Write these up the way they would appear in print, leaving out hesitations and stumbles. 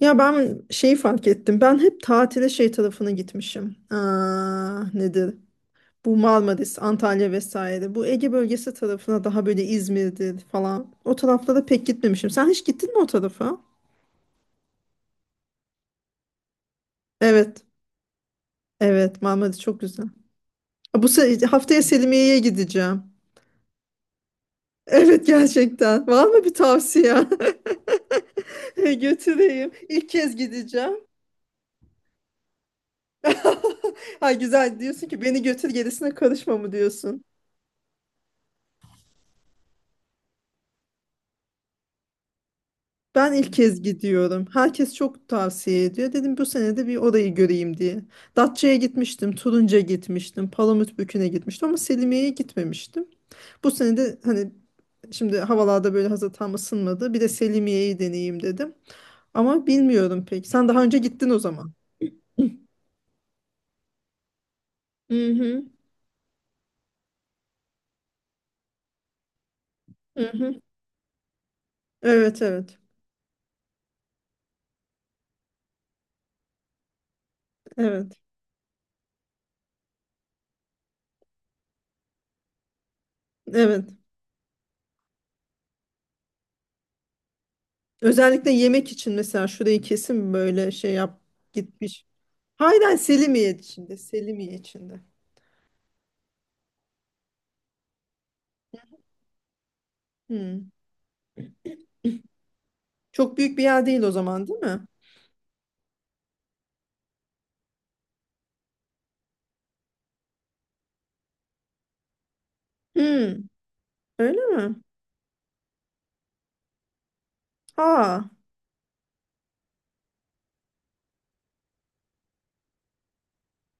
Ya ben şeyi fark ettim. Ben hep tatile şey tarafına gitmişim. Aa, nedir? Bu Marmaris, Antalya vesaire. Bu Ege bölgesi tarafına daha böyle İzmir'dir falan. O taraflara pek gitmemişim. Sen hiç gittin mi o tarafa? Evet. Evet, Marmaris çok güzel. Haftaya Selimiye'ye gideceğim. Evet gerçekten. Var mı bir tavsiye? Götüreyim. İlk kez gideceğim. Ha, güzel diyorsun ki beni götür gerisine karışma mı diyorsun? Ben ilk kez gidiyorum. Herkes çok tavsiye ediyor. Dedim bu sene de bir orayı göreyim diye. Datça'ya gitmiştim, Turunca gitmiştim, Palamutbükü'ne gitmiştim ama Selimiye'ye gitmemiştim. Bu sene de hani şimdi havalarda böyle hazır tam ısınmadı. Bir de Selimiye'yi deneyeyim dedim. Ama bilmiyorum pek. Sen daha önce gittin o zaman. Hı hı. Hı hı. Evet, evet. Evet. Evet. Özellikle yemek için mesela şurayı kesin böyle şey yap gitmiş. Hayır, hayır, Selimiye içinde, Selimiye içinde. Hı. Çok büyük bir yer değil o zaman, değil mi? Hmm, öyle mi? Ha,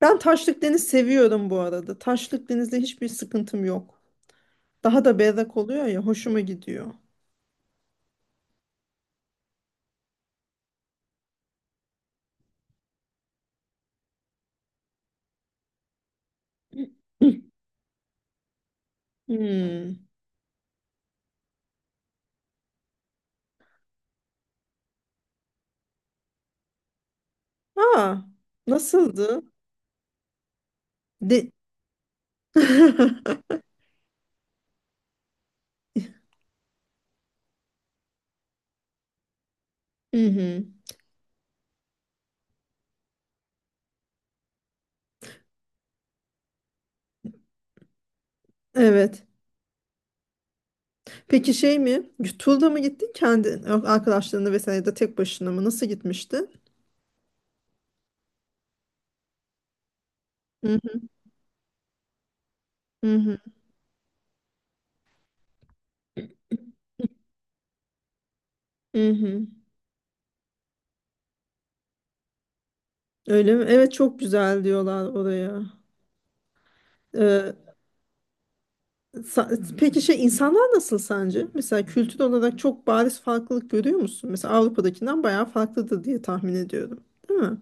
ben taşlık deniz seviyorum bu arada. Taşlık denizde hiçbir sıkıntım yok. Daha da berrak oluyor ya, hoşuma gidiyor. Hmm. Ha, nasıldı? De hı hı. Evet. Peki şey mi? Turda mı gittin kendi yok, arkadaşlarınla vesaire ya da tek başına mı? Nasıl gitmiştin? Hı hı hı hı. Hı hı. Öyle mi? Evet, çok güzel diyorlar oraya. Ee, Sa- Peki şey insanlar nasıl sence? Mesela kültür olarak çok bariz farklılık görüyor musun? Mesela Avrupa'dakinden bayağı farklıdır diye tahmin ediyorum. Değil mi?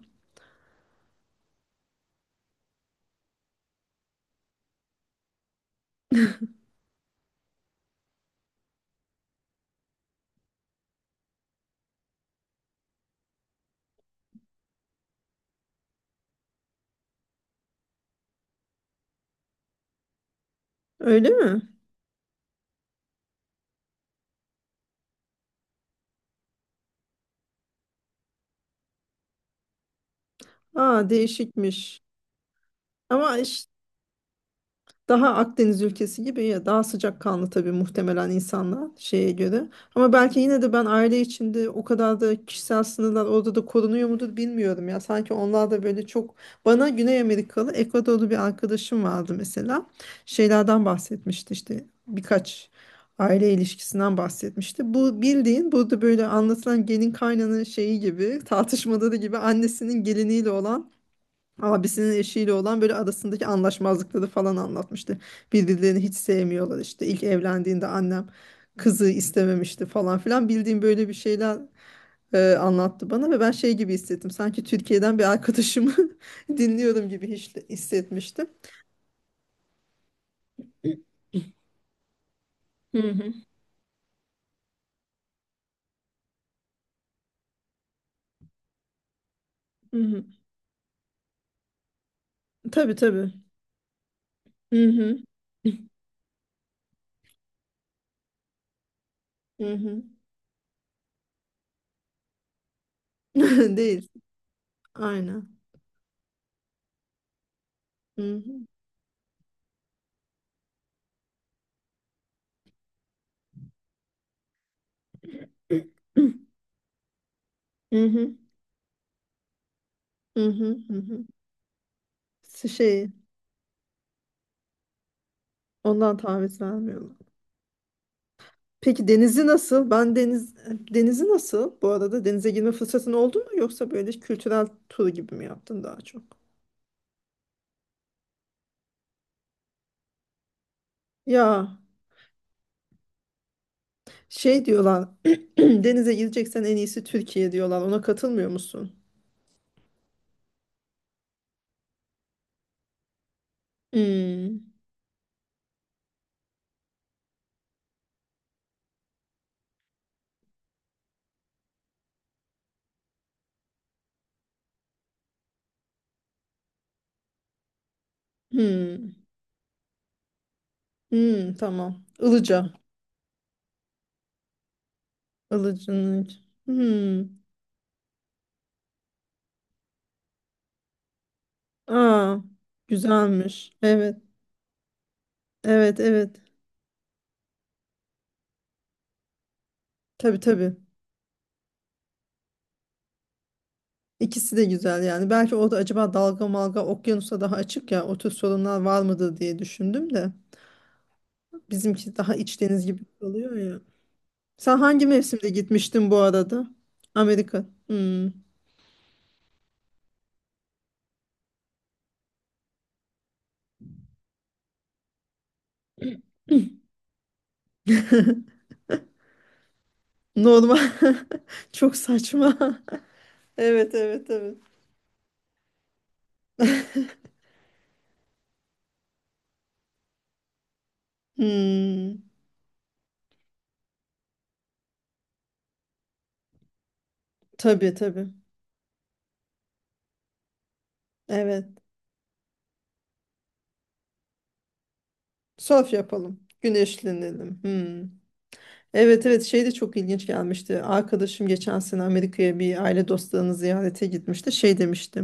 Öyle mi? Aa, değişikmiş. Ama iş- Daha Akdeniz ülkesi gibi ya, daha sıcakkanlı tabii muhtemelen insanlar şeye göre. Ama belki yine de ben aile içinde o kadar da kişisel sınırlar orada da korunuyor mudur bilmiyorum ya. Sanki onlar da böyle çok bana Güney Amerikalı Ekvadorlu bir arkadaşım vardı mesela. Şeylerden bahsetmişti işte birkaç aile ilişkisinden bahsetmişti. Bu bildiğin burada böyle anlatılan gelin kaynanın şeyi gibi tartışmaları gibi annesinin geliniyle olan abisinin eşiyle olan böyle arasındaki anlaşmazlıkları falan anlatmıştı. Birbirlerini hiç sevmiyorlar işte. İlk evlendiğinde annem kızı istememişti falan filan. Bildiğim böyle bir şeyler anlattı bana ve ben şey gibi hissettim. Sanki Türkiye'den bir arkadaşımı dinliyorum gibi hiç hissetmiştim. Hı hı. Hı hı. Tabii tabii. Hı hı. Hı hı. Değil. Aynen. Hı hı. Hı hı. Hı hı. Hı hı. Şey, ondan taviz vermiyorum. Peki denizi nasıl? Ben deniz Denizi nasıl? Bu arada denize girme fırsatın oldu mu, yoksa böyle kültürel tur gibi mi yaptın daha çok? Ya, şey diyorlar, denize gireceksen en iyisi Türkiye diyorlar. Ona katılmıyor musun? Hmm, hmm, hmm, tamam. Ilıca. Ilıca'nın. Hmm. Aa, güzelmiş. Evet. Evet, evet. Tabii tabii. İkisi de güzel yani. Belki orada acaba dalga malga okyanusa daha açık ya, o tür sorunlar var mıdır diye düşündüm de. Bizimki daha iç deniz gibi oluyor ya. Sen hangi mevsimde gitmiştin bu arada? Amerika. Hmm. Normal. Çok saçma. Evet evet evet. Hmm. Tabii tabii. Evet. Surf yapalım. Güneşlenelim. Hmm. Evet evet, şey de çok ilginç gelmişti. Arkadaşım geçen sene Amerika'ya bir aile dostlarını ziyarete gitmişti. Şey demişti.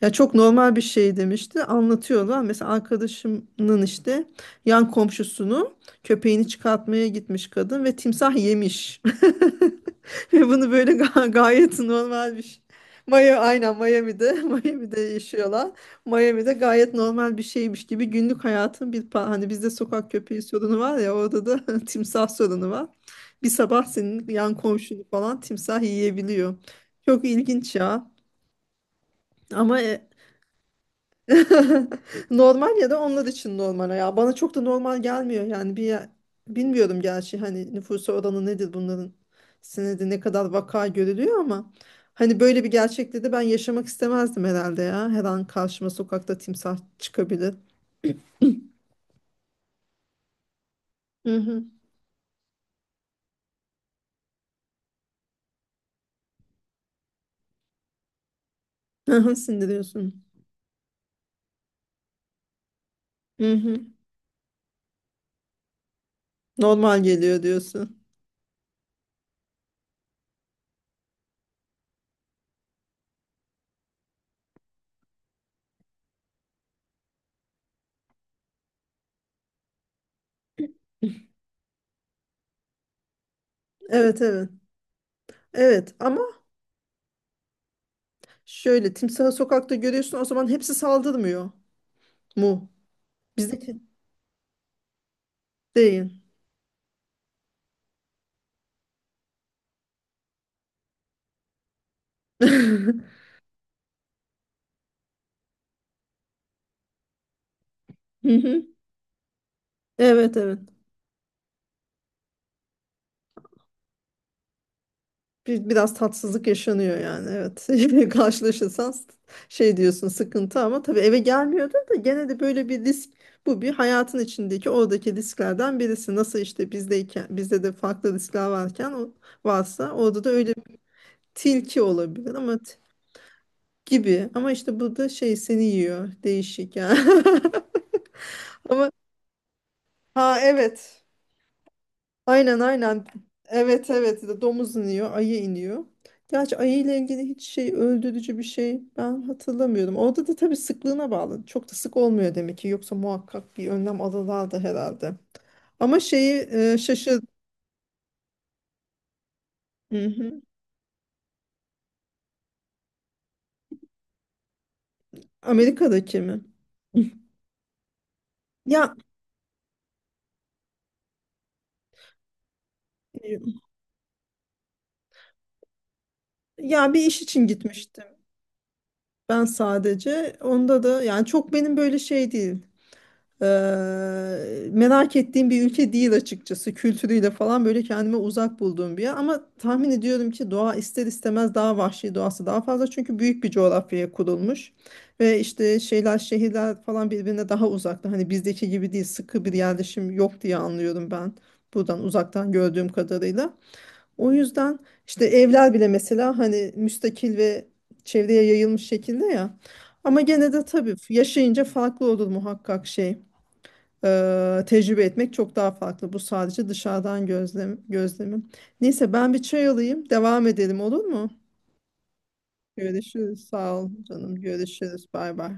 Ya çok normal bir şey demişti. Anlatıyorlar. Mesela arkadaşımın işte yan komşusunu köpeğini çıkartmaya gitmiş kadın ve timsah yemiş. Ve bunu böyle gayet normalmiş. Maya, aynen Miami'de, Miami'de yaşıyorlar. Miami'de gayet normal bir şeymiş gibi günlük hayatın bir hani bizde sokak köpeği sorunu var ya, orada da timsah sorunu var. Bir sabah senin yan komşunu falan timsah yiyebiliyor. Çok ilginç ya. Ama normal ya da onlar için normal ya. Bana çok da normal gelmiyor yani bir bilmiyorum gerçi hani nüfusa oranı nedir bunların, senede ne kadar vaka görülüyor ama hani böyle bir gerçekliği de ben yaşamak istemezdim herhalde ya. Her an karşıma sokakta timsah çıkabilir. Hı hı. Hı hı, sindiriyorsun. Hı hı. Normal geliyor diyorsun. Evet evet. Evet ama şöyle timsahı sokakta görüyorsun o zaman hepsi saldırmıyor mu? Bizdeki değil. Hı hı. Evet evet. Bir, biraz tatsızlık yaşanıyor yani, evet. Karşılaşırsan şey diyorsun sıkıntı, ama tabii eve gelmiyordu da gene de böyle bir risk, bu bir hayatın içindeki oradaki risklerden birisi. Nasıl işte bizdeyken bizde de farklı riskler varken o, varsa orada da öyle bir tilki olabilir ama gibi, ama işte burada şey seni yiyor, değişik yani. Ama ha evet, aynen aynen. Evet evet, domuz iniyor, ayı iniyor. Gerçi ayı ile ilgili hiç şey öldürücü bir şey ben hatırlamıyorum. Orada da tabii sıklığına bağlı. Çok da sık olmuyor demek ki. Yoksa muhakkak bir önlem alırlardı herhalde. Ama şeyi şaşır. Hı hı. Amerika'daki mi? Ya ya, bir iş için gitmiştim ben sadece. Onda da yani çok benim böyle şey değil. Eee, merak ettiğim bir ülke değil açıkçası. Kültürüyle falan böyle kendime uzak bulduğum bir yer. Ama tahmin ediyorum ki doğa ister istemez daha vahşi, doğası daha fazla. Çünkü büyük bir coğrafyaya kurulmuş. Ve işte şeyler şehirler falan birbirine daha uzakta. Hani bizdeki gibi değil, sıkı bir yerleşim yok diye anlıyorum ben. Buradan uzaktan gördüğüm kadarıyla. O yüzden işte evler bile mesela hani müstakil ve çevreye yayılmış şekilde ya. Ama gene de tabii yaşayınca farklı olur muhakkak şey tecrübe etmek çok daha farklı. Bu sadece dışarıdan gözlem, gözlemim. Neyse, ben bir çay alayım, devam edelim olur mu? Görüşürüz. Sağ ol canım. Görüşürüz. Bay bay.